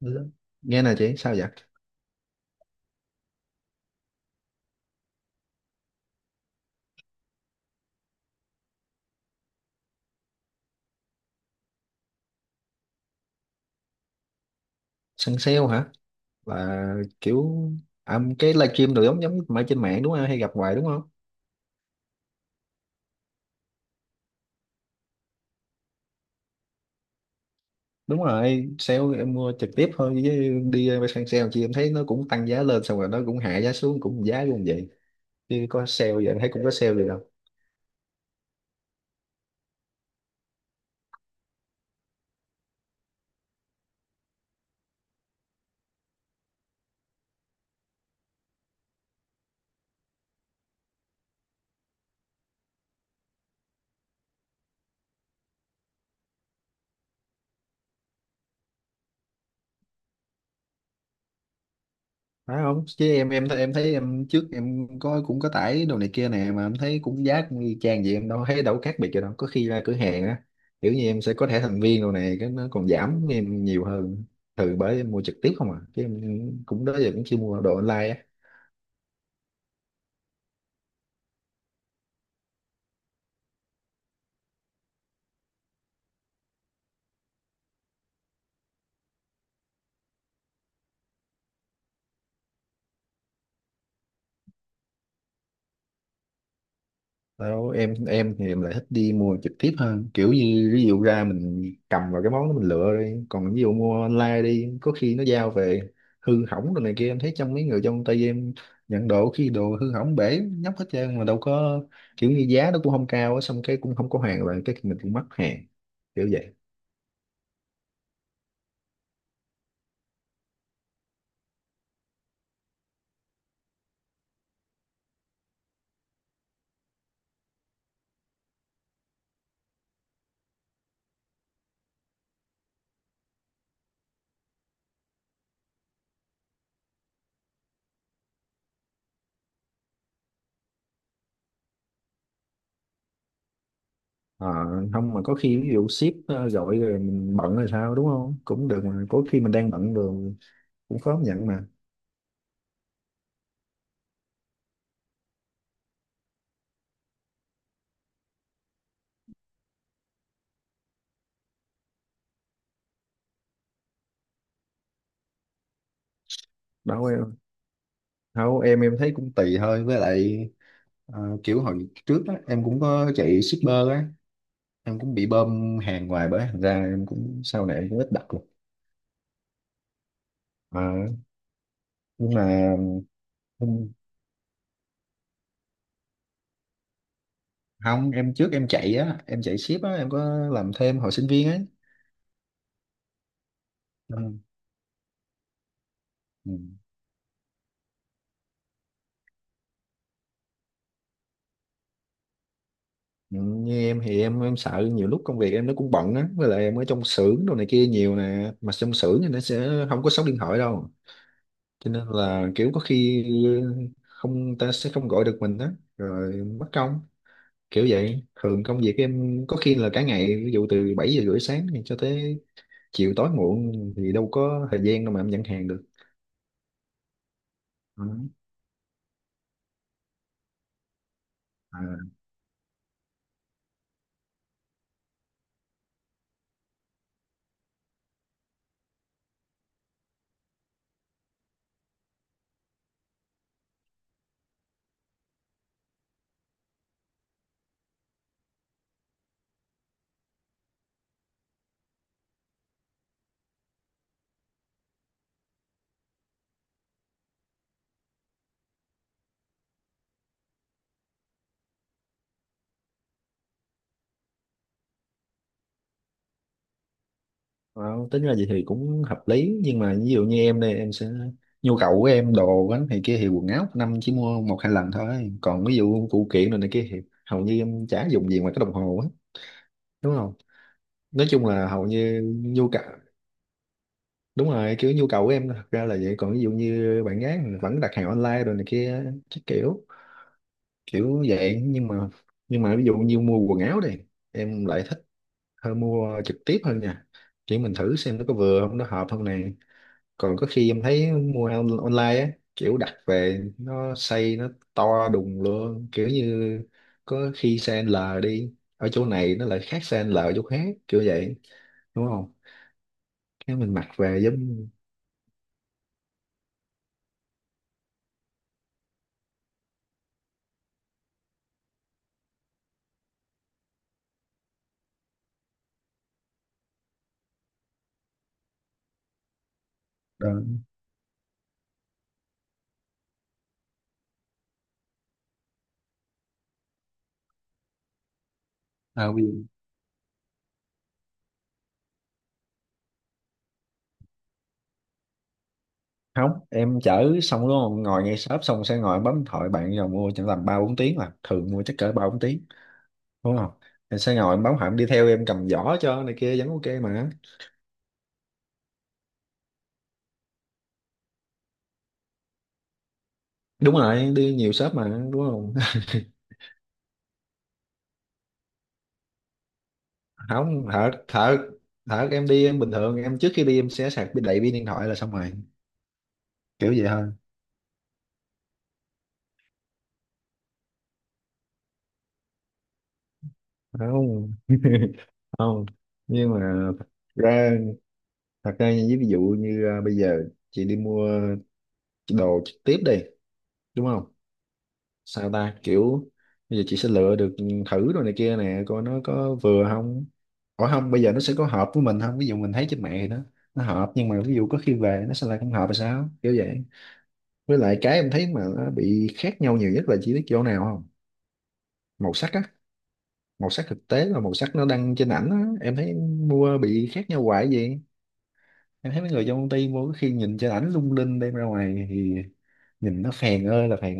Ừ. Nghe nè chị, sao vậy? Săn sale hả? Là kiểu, à, cái livestream đồ giống giống mà trên mạng đúng không, hay gặp hoài đúng không? Đúng rồi, sale em mua trực tiếp thôi, chứ đi săn sale chị, em thấy nó cũng tăng giá lên xong rồi nó cũng hạ giá xuống, cũng giá luôn vậy. Chứ có sale vậy, em thấy cũng có sale vậy đâu. Phải không, chứ em thấy em trước em có cũng có tải đồ này kia nè, mà em thấy cũng giá cũng y chang vậy, em đâu thấy đâu khác biệt gì đâu. Có khi ra cửa hàng á, kiểu như em sẽ có thẻ thành viên đồ này, cái nó còn giảm em nhiều hơn. Thường bởi em mua trực tiếp không à, chứ em cũng đó giờ cũng chưa mua đồ online á. Đâu, em thì em lại thích đi mua trực tiếp hơn. Kiểu như ví dụ ra mình cầm vào cái món đó mình lựa đi, còn ví dụ mua online đi, có khi nó giao về hư hỏng rồi này kia, em thấy trong mấy người trong tay em nhận đồ khi đồ hư hỏng bể nhóc hết trơn mà đâu có. Kiểu như giá nó cũng không cao á, xong cái cũng không có hàng rồi cái mình cũng mất hàng, kiểu vậy. Ờ, không mà có khi ví dụ ship gọi rồi mình bận rồi sao đúng không, cũng được. Mà có khi mình đang bận rồi cũng khó nhận mà. Đâu, không em em thấy cũng tùy thôi, với lại ờ, kiểu hồi trước á em cũng có chạy shipper á, em cũng bị bơm hàng hoài bởi thành ra em cũng sau này em cũng ít đặt luôn. Ờ, nhưng mà không. Không, em trước em chạy á, em chạy ship á, em có làm thêm hồi sinh viên á. Ừ. Ừ. Ừ, như em thì em sợ nhiều lúc công việc em nó cũng bận á, với lại em ở trong xưởng đồ này kia nhiều nè, mà trong xưởng thì nó sẽ không có sóng điện thoại đâu. Cho nên là kiểu có khi không ta sẽ không gọi được mình đó, rồi mất công, kiểu vậy. Thường công việc em có khi là cả ngày, ví dụ từ 7 giờ rưỡi sáng thì cho tới chiều tối muộn, thì đâu có thời gian đâu mà em nhận hàng được. Ừ. À, wow, tính ra vậy thì cũng hợp lý, nhưng mà ví dụ như em đây em sẽ, nhu cầu của em đồ á này kia thì quần áo một năm chỉ mua một hai lần thôi, còn ví dụ phụ kiện rồi này kia thì hầu như em chả dùng gì ngoài cái đồng hồ á, đúng không? Nói chung là hầu như nhu cầu, đúng rồi kiểu nhu cầu của em thật ra là vậy, còn ví dụ như bạn gái mình vẫn đặt hàng online rồi này kia. Chắc kiểu, kiểu vậy. Nhưng mà ví dụ như mua quần áo đi, em lại thích hơn, mua trực tiếp hơn nha, kiểu mình thử xem nó có vừa không, nó hợp không này. Còn có khi em thấy mua online á, kiểu đặt về nó size nó to đùng luôn, kiểu như có khi size L đi ở chỗ này nó lại khác size L ở chỗ khác, kiểu vậy, đúng không? Cái mình mặc về giống đơn. Không em chở xong đúng không, ngồi ngay shop xong sẽ ngồi bấm điện thoại bạn rồi mua, chẳng tầm ba bốn tiếng mà thường mua chắc cỡ ba bốn tiếng, đúng không? Em sẽ ngồi em bấm, hẳn đi theo em cầm giỏ cho này kia vẫn ok mà. Đúng rồi, đi nhiều shop mà, đúng không? Không, thật thật, thật em đi, em bình thường em trước khi đi em sẽ sạc đầy pin điện thoại là xong rồi, kiểu vậy thôi. Không, không. Nhưng mà thật ra, thật ra như ví dụ như à, bây giờ chị đi mua đồ trực tiếp đi, đúng không? Sao ta kiểu bây giờ chị sẽ lựa được, thử rồi này kia nè coi nó có vừa không. Ủa không, bây giờ nó sẽ có hợp với mình không, ví dụ mình thấy trên mạng thì nó hợp nhưng mà ví dụ có khi về nó sẽ lại không hợp là sao, kiểu vậy. Với lại cái em thấy mà nó bị khác nhau nhiều nhất là chỉ biết chỗ nào không, màu sắc á. Màu sắc thực tế và màu sắc nó đăng trên ảnh á, em thấy mua bị khác nhau hoài vậy. Em thấy mấy người trong công ty mua có khi nhìn trên ảnh lung linh, đem ra ngoài thì nhìn nó phèn ơi là phèn.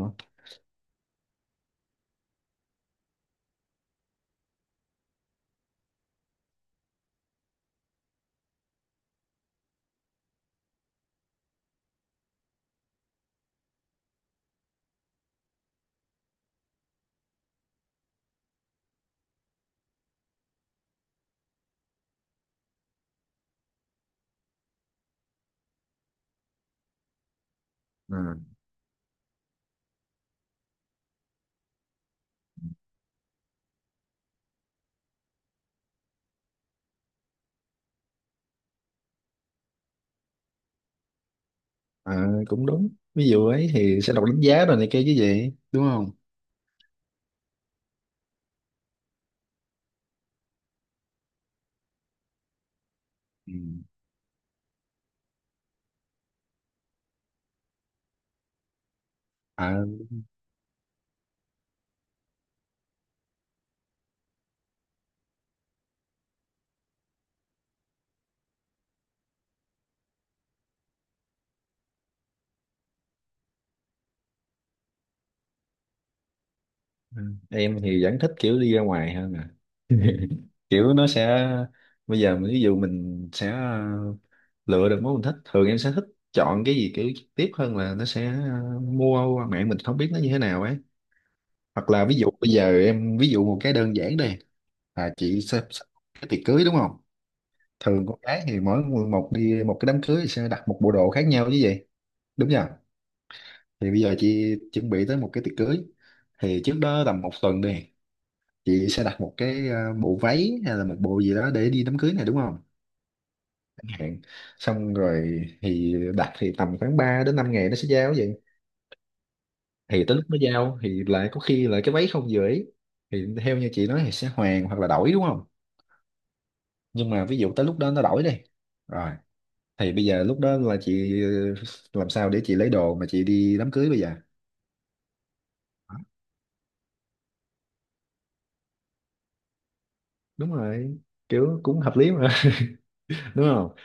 Không. À, cũng đúng. Ví dụ ấy thì sẽ đọc đánh giá rồi này kia chứ gì, đúng không? Ừ. À, ừ. Em thì vẫn thích kiểu đi ra ngoài hơn à. Kiểu nó sẽ bây giờ mình- ví dụ mình sẽ ờ, lựa được món mình thích, thường em sẽ thích chọn cái gì kiểu trực tiếp hơn, là nó sẽ ờ, mua qua mạng mình không biết nó như thế nào ấy. Hoặc là ví dụ bây giờ em ví dụ một cái đơn giản đây là chị sẽ- cái tiệc cưới, đúng không? Thường con gái thì mỗi người một, đi một cái đám cưới thì sẽ đặt một bộ đồ khác nhau chứ gì, đúng chưa? Thì bây giờ chị chuẩn bị tới một cái tiệc cưới, thì trước đó tầm một tuần đi, chị sẽ đặt một cái ờ, bộ váy hay là một bộ gì đó để đi đám cưới này đúng không, chẳng hạn. Xong rồi thì đặt thì tầm khoảng 3 đến 5 ngày nó sẽ giao vậy. Thì tới lúc nó giao thì lại có khi lại cái váy không vừa ý, thì theo như chị nói thì sẽ hoàn hoặc là đổi đúng không, nhưng mà ví dụ tới lúc đó nó đổi đi rồi, thì bây giờ lúc đó là chị ờ, làm sao để chị lấy đồ mà chị đi đám cưới bây giờ? Đúng rồi, kiểu cũng hợp lý mà, đúng không?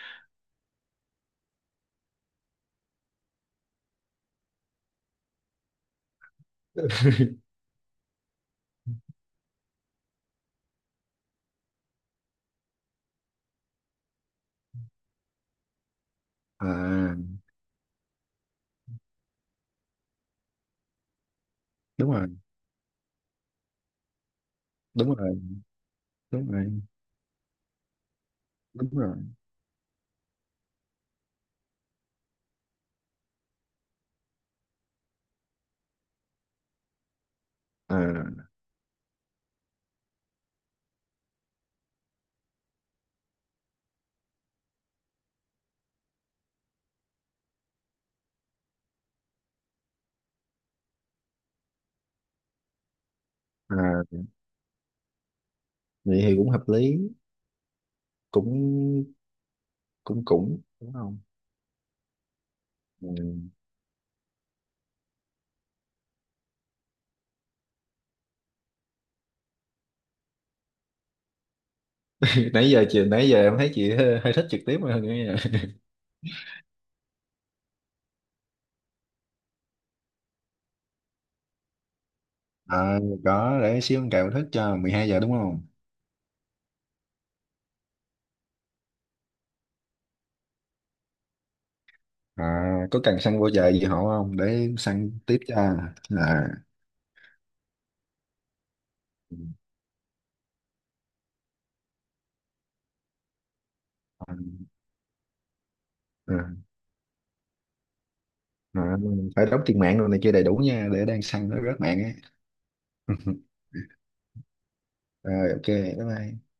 À đúng rồi, đúng rồi, đúng rồi, đúng rồi. À. À, vậy thì cũng hợp lý. Cũng, cũng, cũng đúng không. Ừ. Nãy giờ chị, nãy giờ em thấy chị hơi, hơi thích trực tiếp hơn nha. À, có, để xíu con cào thức cho 12 giờ đúng không? À, có cần săn vô chợ gì họ không để săn tiếp cho? À, ừ. À, à, phải đóng tiền mạng rồi này kia đầy đủ nha, để đang săn nó rớt mạng á. Rồi ok, bye bye.